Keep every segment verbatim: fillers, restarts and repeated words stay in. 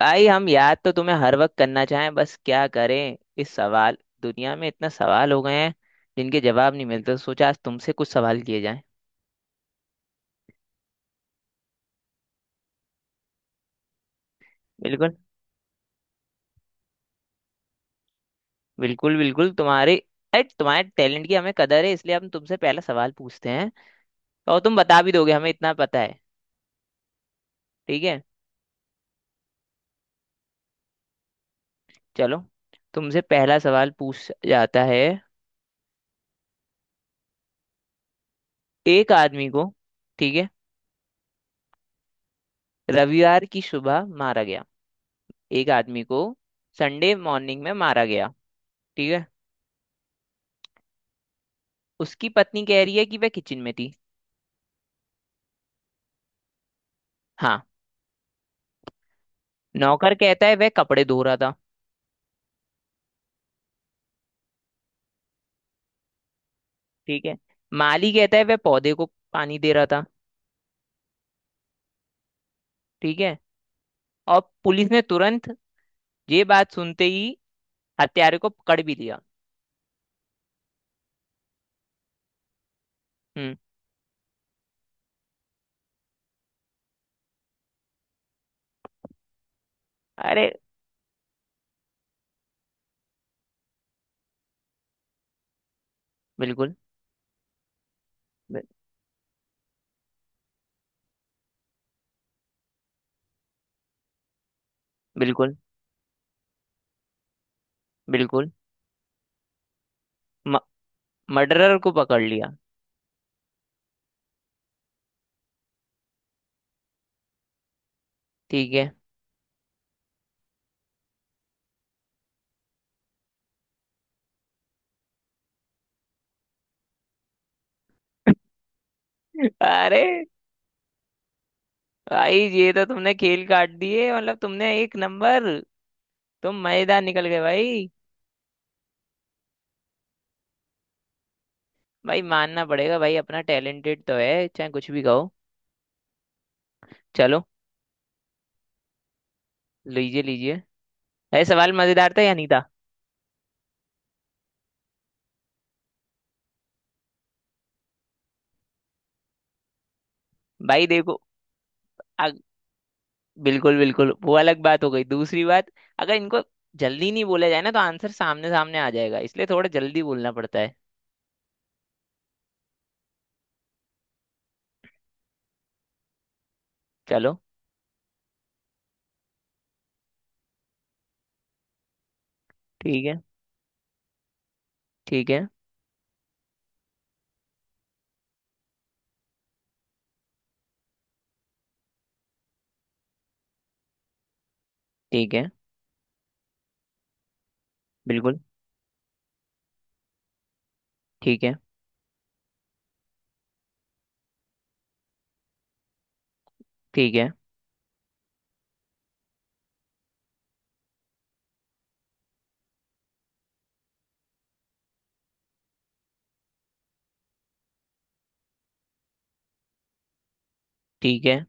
भाई हम याद तो तुम्हें हर वक्त करना चाहें बस क्या करें। इस सवाल दुनिया में इतना सवाल हो गए हैं जिनके जवाब नहीं मिलते। सोचा आज तुमसे कुछ सवाल किए जाएं। बिल्कुल बिल्कुल बिल्कुल तुम्हारे, अरे तुम्हारे टैलेंट की हमें कदर है इसलिए हम तुमसे पहला सवाल पूछते हैं। और तुम बता भी दोगे, हमें इतना पता है। ठीक है, चलो। तुमसे पहला सवाल पूछ जाता है। एक आदमी को, ठीक है, रविवार की सुबह मारा गया। एक आदमी को संडे मॉर्निंग में मारा गया। ठीक है। उसकी पत्नी कह रही है कि वह किचन में थी। हाँ। नौकर कहता है वह कपड़े धो रहा था। ठीक है। माली कहता है वह पौधे को पानी दे रहा था। ठीक है। और पुलिस ने तुरंत, ये बात सुनते ही, हत्यारे को पकड़ भी लिया। हम्म, अरे बिल्कुल। बि- बिल्कुल बिल्कुल। म, मर्डरर को पकड़ लिया। ठीक है। अरे भाई, ये तो तुमने खेल काट दिए। मतलब तुमने एक नंबर, तुम मजेदार निकल गए भाई। भाई मानना पड़ेगा भाई, अपना टैलेंटेड तो है चाहे कुछ भी कहो। चलो, लीजिए लीजिए। अरे सवाल मजेदार था या नहीं था? भाई देखो। अग, बिल्कुल बिल्कुल। वो अलग बात हो गई, दूसरी बात। अगर इनको जल्दी नहीं बोला जाए ना तो आंसर सामने सामने आ जाएगा, इसलिए थोड़ा जल्दी बोलना पड़ता है। चलो। ठीक है। ठीक है। ठीक है। बिल्कुल ठीक है। ठीक है। ठीक है।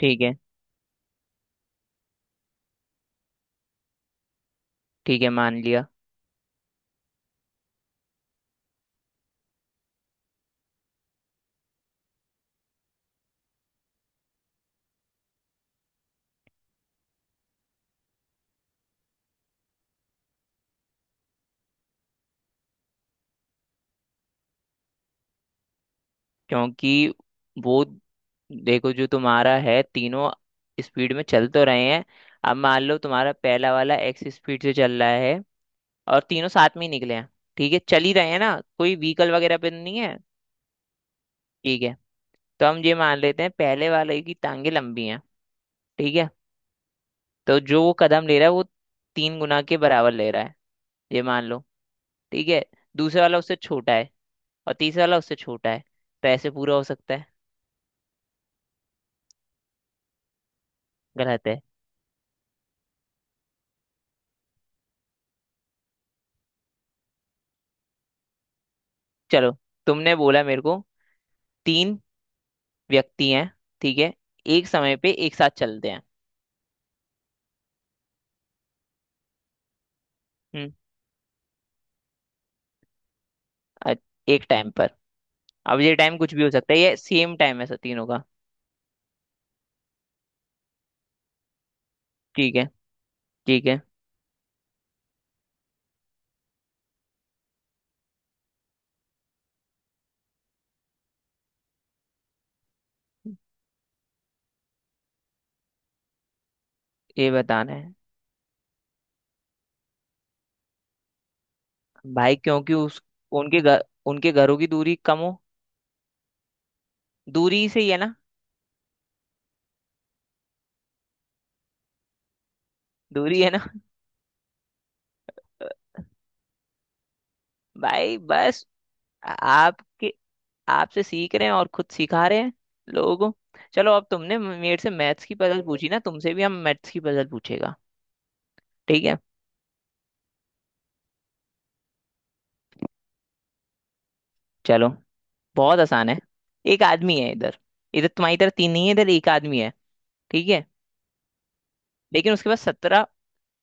ठीक है। ठीक है, मान लिया। क्योंकि वो, देखो जो तुम्हारा है, तीनों स्पीड में चल तो रहे हैं। अब मान लो तुम्हारा पहला वाला एक्स स्पीड से चल रहा है और तीनों साथ में ही निकले हैं। ठीक है, चल ही रहे हैं ना, कोई व्हीकल वगैरह पे तो नहीं है। ठीक है। तो हम ये मान लेते हैं पहले वाले की टांगे लंबी हैं। ठीक है। तो जो वो कदम ले रहा है वो तीन गुना के बराबर ले रहा है, ये मान लो। ठीक है। दूसरे वाला उससे छोटा है। और तीसरा वाला उससे छोटा है। तो ऐसे पूरा हो सकता है। गलत है। चलो, तुमने बोला मेरे को, तीन व्यक्ति हैं। ठीक है। एक समय पे एक साथ चलते हैं। हम्म। अ- एक टाइम पर। अब ये टाइम कुछ भी हो सकता है, ये सेम टाइम है सब तीनों का। ठीक है। ठीक है। ये बताना है। भाई क्योंकि उस, उनके घर, उनके घरों की दूरी कम हो। दूरी से ही है ना। दूरी है ना। भाई बस आपके, आपसे सीख रहे हैं और खुद सिखा रहे हैं लोगों को। चलो, अब तुमने मेरे से मैथ्स की पजल पूछी ना, तुमसे भी हम मैथ्स की पजल पूछेगा। ठीक है, चलो। बहुत आसान है। एक आदमी है इधर। इधर तुम्हारी तरह तीन नहीं है, इधर एक आदमी है। ठीक है। लेकिन उसके पास सत्रह,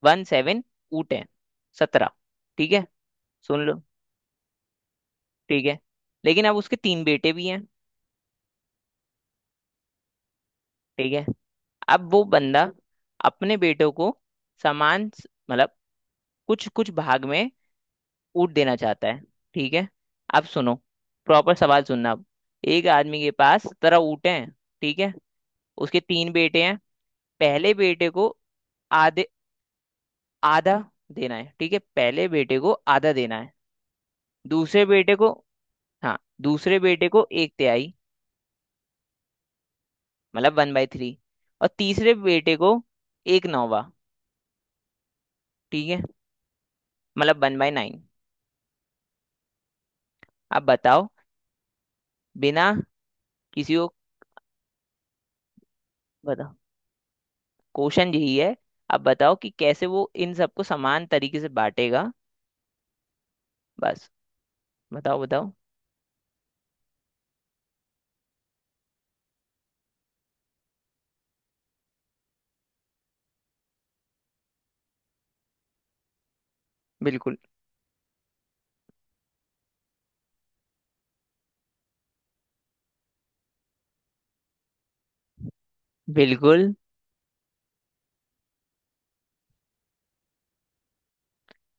वन सेवन, ऊँट है। सत्रह। ठीक है, सुन लो। ठीक है। लेकिन अब उसके तीन बेटे भी हैं। ठीक है। अब वो बंदा अपने बेटों को समान स- मतलब कुछ कुछ भाग में ऊट देना चाहता है। ठीक है, अब सुनो। प्रॉपर सवाल सुनना अब। एक आदमी के पास सत्रह ऊँट हैं। ठीक है। उसके तीन बेटे हैं। पहले बेटे को आधे आधा देना है। ठीक है, पहले बेटे को आधा देना है। दूसरे बेटे को, हाँ दूसरे बेटे को एक तिहाई, मतलब वन बाई थ्री। और तीसरे बेटे को एक नौवा। ठीक है, मतलब वन बाई नाइन। अब बताओ, बिना किसी को, बताओ, क्वेश्चन यही है। अब बताओ कि कैसे वो इन सबको समान तरीके से बांटेगा। बस, बताओ बताओ। बिल्कुल बिल्कुल।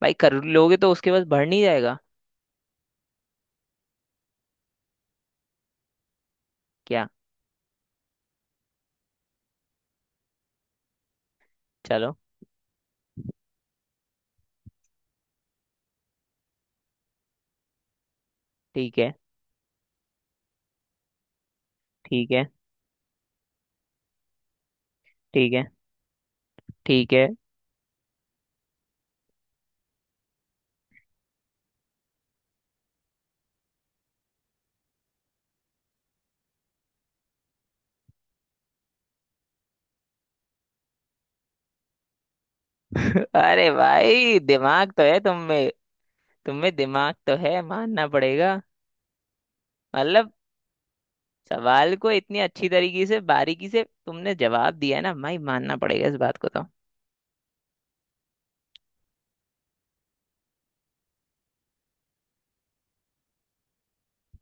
भाई कर लोगे तो उसके पास बढ़ नहीं जाएगा। क्या। चलो। ठीक है। ठीक है। ठीक है। ठीक है। अरे भाई दिमाग तो है तुम में। तुम में दिमाग तो है, मानना पड़ेगा। मतलब सवाल को इतनी अच्छी तरीके से बारीकी से तुमने जवाब दिया है ना भाई, मानना पड़ेगा इस बात को तो।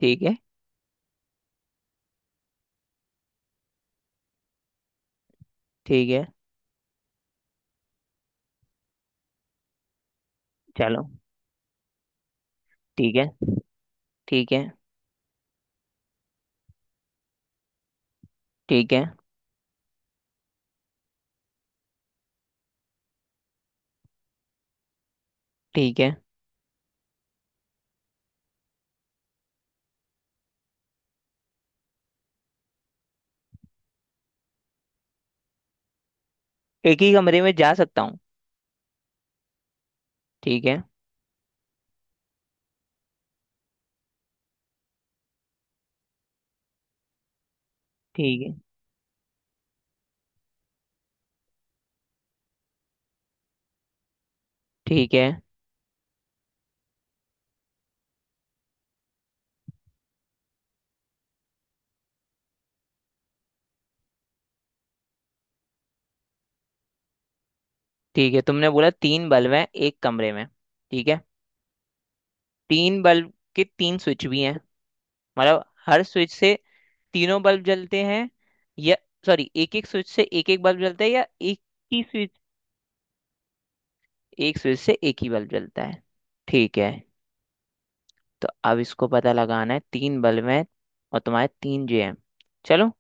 ठीक है। ठीक है। चलो। ठीक है। ठीक है। ठीक है। ठीक है, एक ही कमरे में जा सकता हूँ। ठीक है। ठीक है। ठीक है। ठीक है, तुमने बोला तीन बल्ब हैं एक कमरे में। ठीक है। तीन बल्ब के तीन स्विच भी हैं। मतलब हर स्विच से तीनों बल्ब जलते हैं, या, सॉरी, एक एक स्विच से एक एक बल्ब जलता है, या एक ही स्विच, एक स्विच से एक ही बल्ब जलता है। ठीक है। तो अब इसको पता लगाना है, तीन बल्ब हैं और तुम्हारे तीन जे हैं। चलो।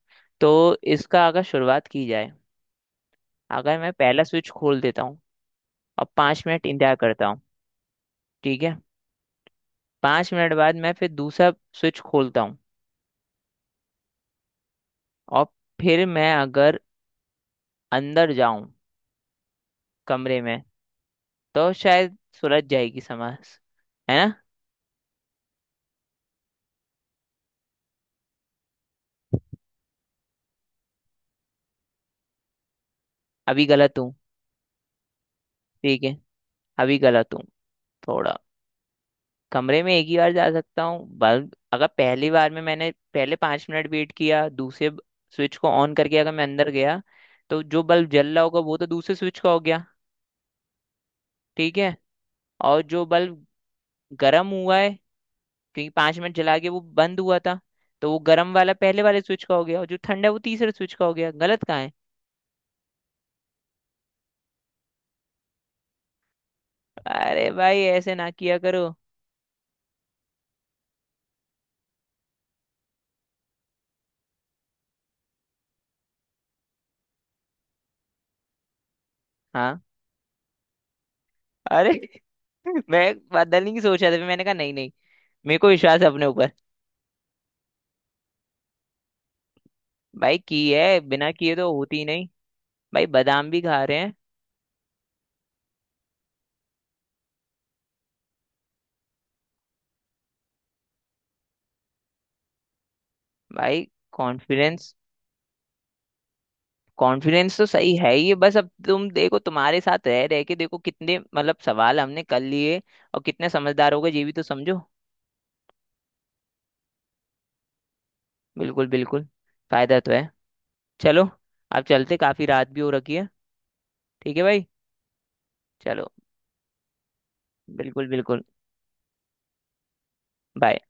तो इसका अगर शुरुआत की जाए, अगर मैं पहला स्विच खोल देता हूँ और पाँच मिनट इंतजार करता हूँ। ठीक है। पाँच मिनट बाद मैं फिर दूसरा स्विच खोलता हूँ। और फिर मैं अगर अंदर जाऊं, कमरे में, तो शायद सुलझ जाएगी समझ, है ना? अभी गलत हूँ। ठीक है, अभी गलत हूँ थोड़ा। कमरे में एक ही बार जा सकता हूँ बल्ब, अगर पहली बार में मैंने पहले पाँच मिनट वेट किया, दूसरे स्विच को ऑन करके अगर मैं अंदर गया तो जो बल्ब जल रहा होगा वो तो दूसरे स्विच का हो गया। ठीक है। और जो बल्ब गर्म हुआ है, क्योंकि पांच मिनट जला के वो बंद हुआ था, तो वो गर्म वाला पहले वाले स्विच का हो गया और जो ठंडा है वो तीसरे स्विच का हो गया। गलत कहाँ है? अरे भाई ऐसे ना किया करो। हाँ। अरे मैं बदलने की सोच रहा था, फिर मैंने कहा नहीं नहीं, मेरे को विश्वास है अपने ऊपर। भाई की है, बिना किए तो होती ही नहीं। भाई बादाम भी खा रहे हैं। भाई कॉन्फिडेंस, कॉन्फिडेंस तो सही है ही है, बस अब तुम देखो तुम्हारे साथ रह रह के देखो कितने मतलब सवाल हमने कर लिए और कितने समझदार हो गए ये भी तो समझो। बिल्कुल बिल्कुल। फायदा तो है। चलो, आप चलते, काफी रात भी हो रखी है। ठीक है भाई। चलो। बिल्कुल बिल्कुल। बाय।